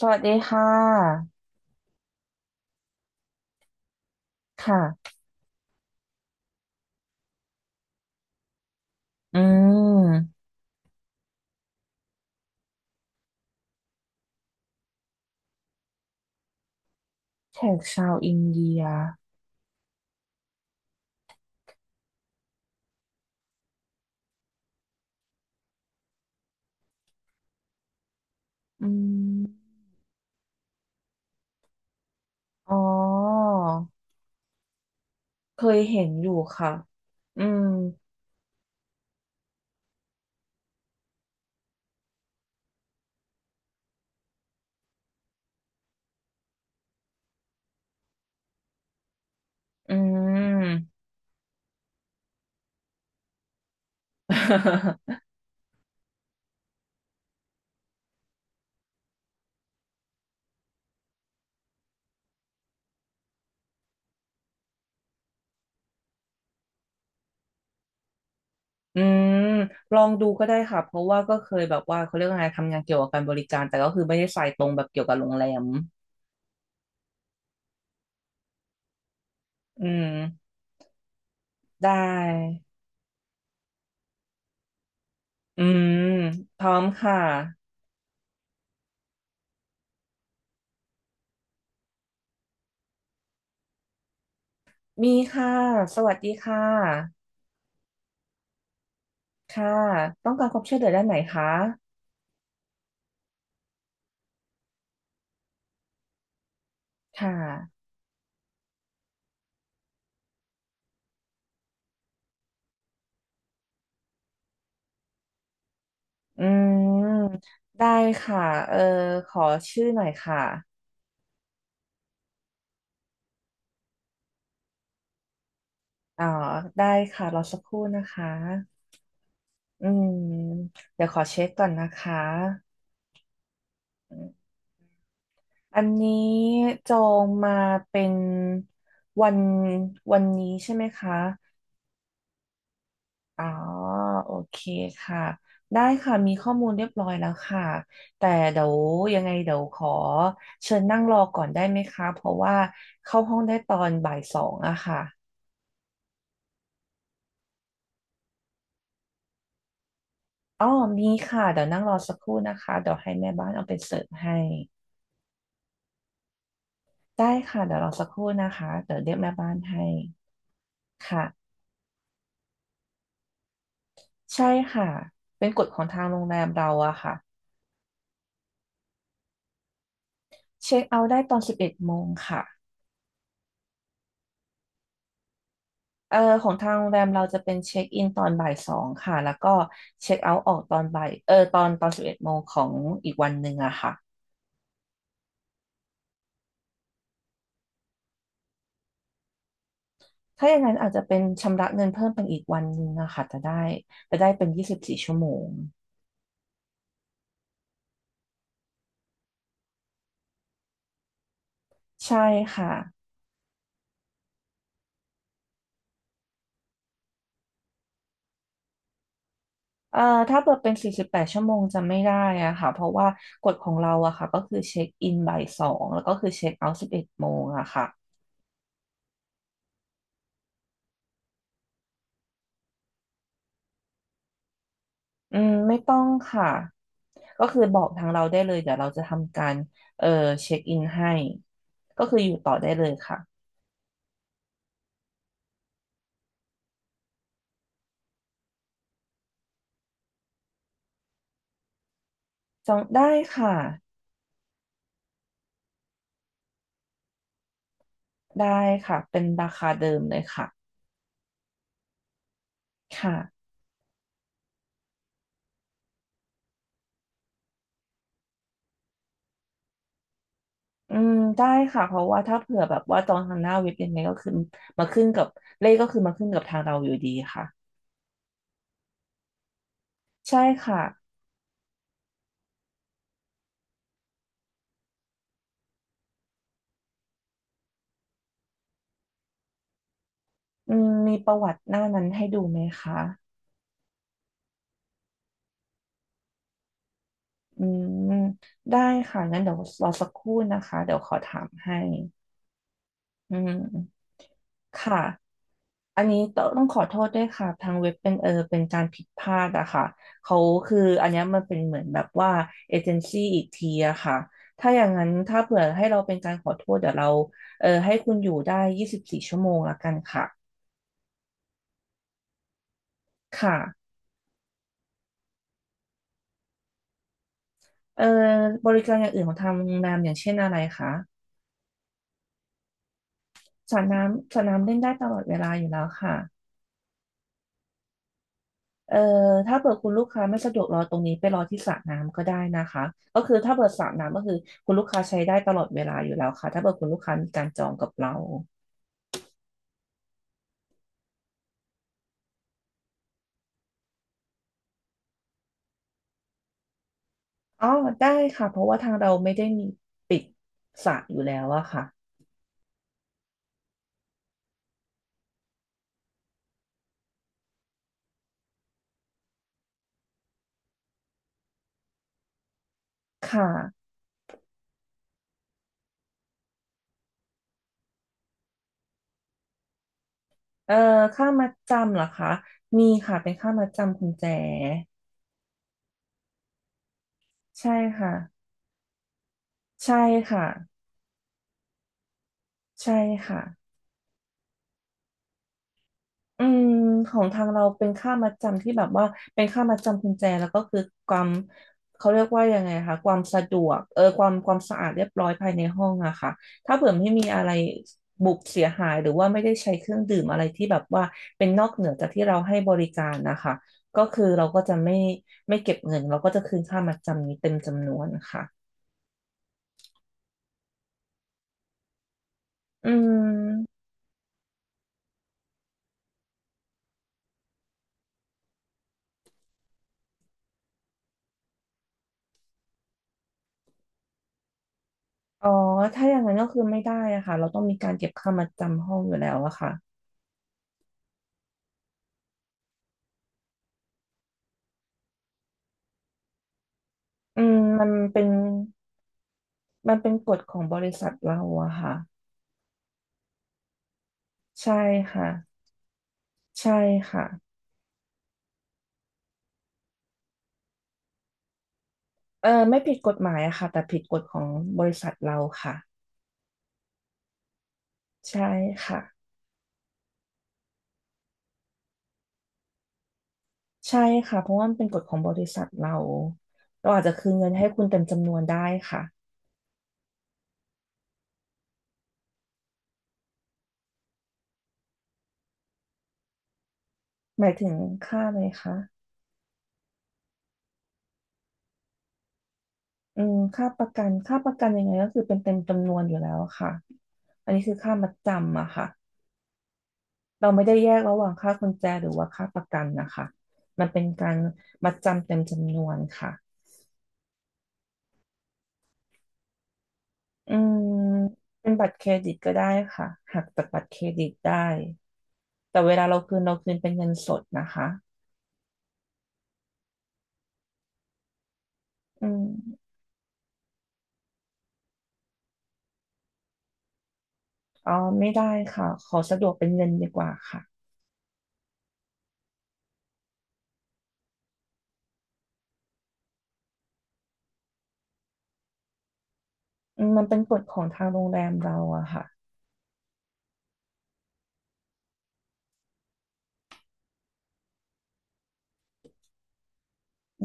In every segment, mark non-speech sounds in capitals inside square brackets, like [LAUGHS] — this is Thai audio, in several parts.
สวัสดีค่ะค่ะอืมแขกชาวอินเดียอืมอ๋อเคยเห็นอยู่ค่ะอืมอืม [LAUGHS] อืม [LAUGHS] ลองดูก็ได้ค่ะ เพราะว่าก็เคยแบบว่าเขาเรียกว่าไงทำงานเกี่ยวกับการบริการแต่ก็คือไม่ได้สายตรงแบบเกี่ยวกับโรงแรมอืมได้อืมพร้อมค่ะมีค่ะสวัสดีค่ะค่ะต้องการความช่วยเหลือด้านไหนคะค่ะ อืมได้ค่ะเออขอชื่อหน่อยค่ะอ๋อได้ค่ะรอสักครู่นะคะอืมเดี๋ยวขอเช็คก่อนนะคะอันนี้จองมาเป็นวันวันนี้ใช่ไหมคะอ๋อโอเคค่ะได้ค่ะมีข้อมูลเรียบร้อยแล้วค่ะแต่เดี๋ยวยังไงเดี๋ยวขอเชิญนั่งรอก่อนได้ไหมคะเพราะว่าเข้าห้องได้ตอนบ่ายสองอะค่ะ อ๋อมีค่ะ เดี๋ยวนั่งรอสักครู่นะคะ เดี๋ยวให้แม่บ้านเอาไปเสิร์ฟให้ ได้ค่ะเดี๋ยวรอสักครู่นะคะ เดี๋ยวเรียกแม่บ้านให้ ค่ะ ใช่ค่ะ เป็นกฎของทางโรงแรมเราอะค่ะเช็คเอาท์ได้ตอนสิบเอ็ดโมงค่ะของทางโรงแรมเราจะเป็นเช็คอินตอนบ่ายสองค่ะแล้วก็เช็คเอาท์ออกตอนบ่ายเออตอนตอนสิบเอ็ดโมงของอีกวันหนึ่งอะค่ะถ้าอย่างนั้นอาจจะเป็นชำระเงินเพิ่มเป็นอีกวันหนึ่งอะค่ะจะได้จะได้เป็นยี่สิบสี่ชั่วโมงใช่ค่ะ เอ่อถ้าเปิดเป็น48 ชั่วโมงจะไม่ได้อะค่ะเพราะว่ากฎของเราอะค่ะก็คือเช็คอินบ่ายสองแล้วก็คือเช็คเอาท์สิบเอ็ดโมงอะค่ะอืมไม่ต้องค่ะก็คือบอกทางเราได้เลยเดี๋ยวเราจะทำการเอ่อเช็คอินให้ก็คืออยู่ต่อได้เลยค่ะจองได้ค่ะได้ค่ะเป็นราคาเดิมเลยค่ะค่ะอืมได้ค่ะเพราะว่าถ้าเผื่อแบบว่าจองทางหน้าเว็บยังไงก็คือมาขึ้นกับเลขก็คือมาขึ้นกับทางเราอยู่ดีค่ะใช่ค่ะ อืมมีประวัติหน้านั้นให้ดูไหมคะอืมได้ค่ะงั้นเดี๋ยวรอสักครู่นะคะเดี๋ยวขอถามให้อืมค่ะอันนี้ต้องขอโทษด้วยค่ะทางเว็บเป็นเป็นการผิดพลาดอะค่ะเขาคืออันเนี้ยมันเป็นเหมือนแบบว่าเอเจนซี่อีกทีอะค่ะถ้าอย่างนั้นถ้าเผื่อให้เราเป็นการขอโทษเดี๋ยวเราให้คุณอยู่ได้ยี่สิบสี่ชั่วโมงละกันค่ะค่ะเออบริการอย่างอื่นของทางโรงแรมอย่างเช่นอะไรคะ สระน้ำสระน้ำเล่นได้ตลอดเวลาอยู่แล้วค่ะเอ่อถ้าเปิดคุณลูกค้าไม่สะดวกรอตรงนี้ไปรอที่สระน้ำก็ได้นะคะก็คือถ้าเปิดสระน้ำก็คือคุณลูกค้าใช้ได้ตลอดเวลาอยู่แล้วค่ะถ้าเปิดคุณลูกค้ามีการจองกับเราอ๋อได้ค่ะเพราะว่าทางเราไม่ได้มีปิดสระอยู่แล้วอะค่ะค่ะเอ่อค่ามัดจำเหรอคะมีค่ะเป็นค่ามัดจำคุณแจใช่ค่ะใช่ค่ะใช่ค่ะ อืมของทางเราเป็นค่ามัดจำที่แบบว่าเป็นค่ามัดจำกุญแจแล้วก็คือความเขาเรียกว่ายังไงคะความสะดวกความสะอาดเรียบร้อยภายในห้องอะค่ะถ้าเผื่อไม่มีอะไรบุบเสียหายหรือว่าไม่ได้ใช้เครื่องดื่มอะไรที่แบบว่าเป็นนอกเหนือจากที่เราให้บริการนะคะก็คือเราก็จะไม่เก็บเงินเราก็จะคืนค่ามัดจำนี้เต็มจำนวนค่ะอืมอ๋อถ้าอย่างนั้นก็คือไม่ได้อะค่ะเราต้องมีการเก็บค่ามัดจำห้องอยู่แล้วอะค่ะอืมมันเป็นกฎของบริษัทเราอะค่ะใช่ค่ะใช่ค่ะไม่ผิดกฎหมายอะค่ะแต่ผิดกฎของบริษัทเราค่ะใช่ค่ะใช่ค่ะเพราะว่ามันเป็นกฎของบริษัทเราเราอาจจะคืนเงินให้คุณเต็มจำนวนได้ค่ะหมายถึงค่าอะไรคะอืมค่าประกันค่าประกันยังไงก็คือเป็นเต็มจำนวนอยู่แล้วค่ะอันนี้คือค่ามัดจำอะค่ะเราไม่ได้แยกระหว่างค่ากุญแจหรือว่าค่าประกันนะคะมันเป็นการมัดจำเต็มจำนวนค่ะ อืมเป็นบัตรเครดิตก็ได้ค่ะหักจากบัตรเครดิตได้แต่เวลาเราคืนเราคืนเป็นเงินสดนะคะอืมอ๋อไม่ได้ค่ะขอสะดวกเป็นเงินดีกว่าค่ะอืมมันเป็นกฎของทางโรงแรมเราอะค่ะ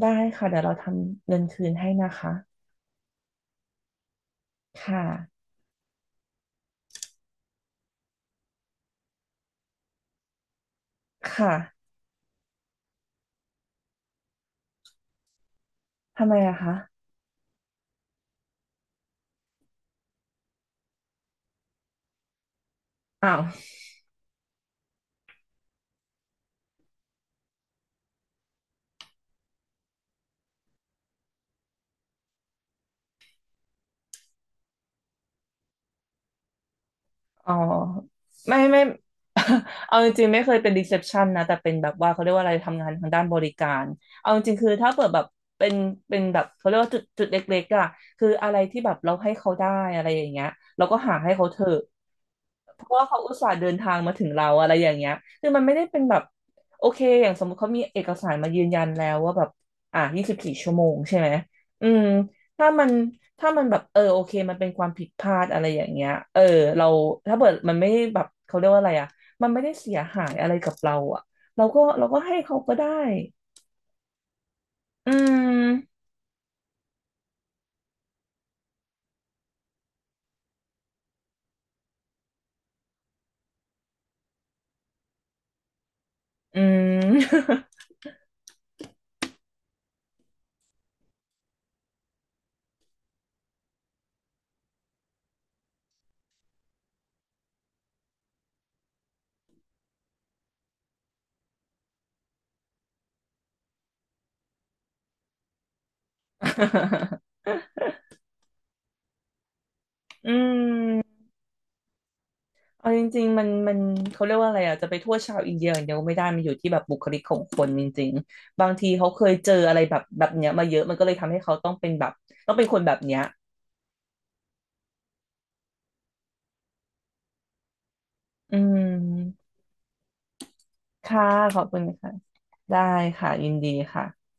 ได้ค่ะเดี๋ยวเราทำเงินคืนให้นะคะค่ะค่ะทำไมอะคะอ้าว อ๋อไม่ไม่ [LAUGHS] เอาจริงๆไม่เคยเป็นรีเซพชันนะแต่เป็นแบบว่าเขาเรียกว่าอะไรทำงานทางด้านบริการเอาจริงๆคือถ้าเปิดแบบเป็นเป็นแบบเขาเรียกว่าจุดจุดเล็กๆอะคืออะไรที่แบบเราให้เขาได้อะไรอย่างเงี้ยเราก็หาให้เขาเถอะเพราะว่าเขาอุตส่าห์เดินทางมาถึงเราอะไรอย่างเงี้ยคือมันไม่ได้เป็นแบบโอเคอย่างสมมติเขามีเอกสารมายืนยันแล้วว่าแบบอ่ะยี่สิบสี่ชั่วโมงใช่ไหมอืม ถ้ามันถ้ามันแบบเออโอเคมันเป็นความผิดพลาดอะไรอย่างเงี้ยเออเราถ้าเกิดมันไม่ได้แบบเขาเรียกว่าอะไรอ่ะมันไม่ได้เสียหายอะไรกับเราอ่ะเราก็ให้เขาก็ได้อืมอืม [LAUGHS] อืมเอาจริงๆมันเขาเรียกว่าอะไรอ่ะจะไปโทษชาวอินเดียอย่างเดียวไม่ได้มันอยู่ที่แบบบุคลิกของคนจริงๆบางทีเขาเคยเจออะไรแบบเนี้ยมาเยอะมันก็เลยทำให้เขาต้องเป็นแบบต้องเป็นคนแบบเนี้ยอืม ค่ะขอบคุณค่ะได้ค่ะยินดีค่ะ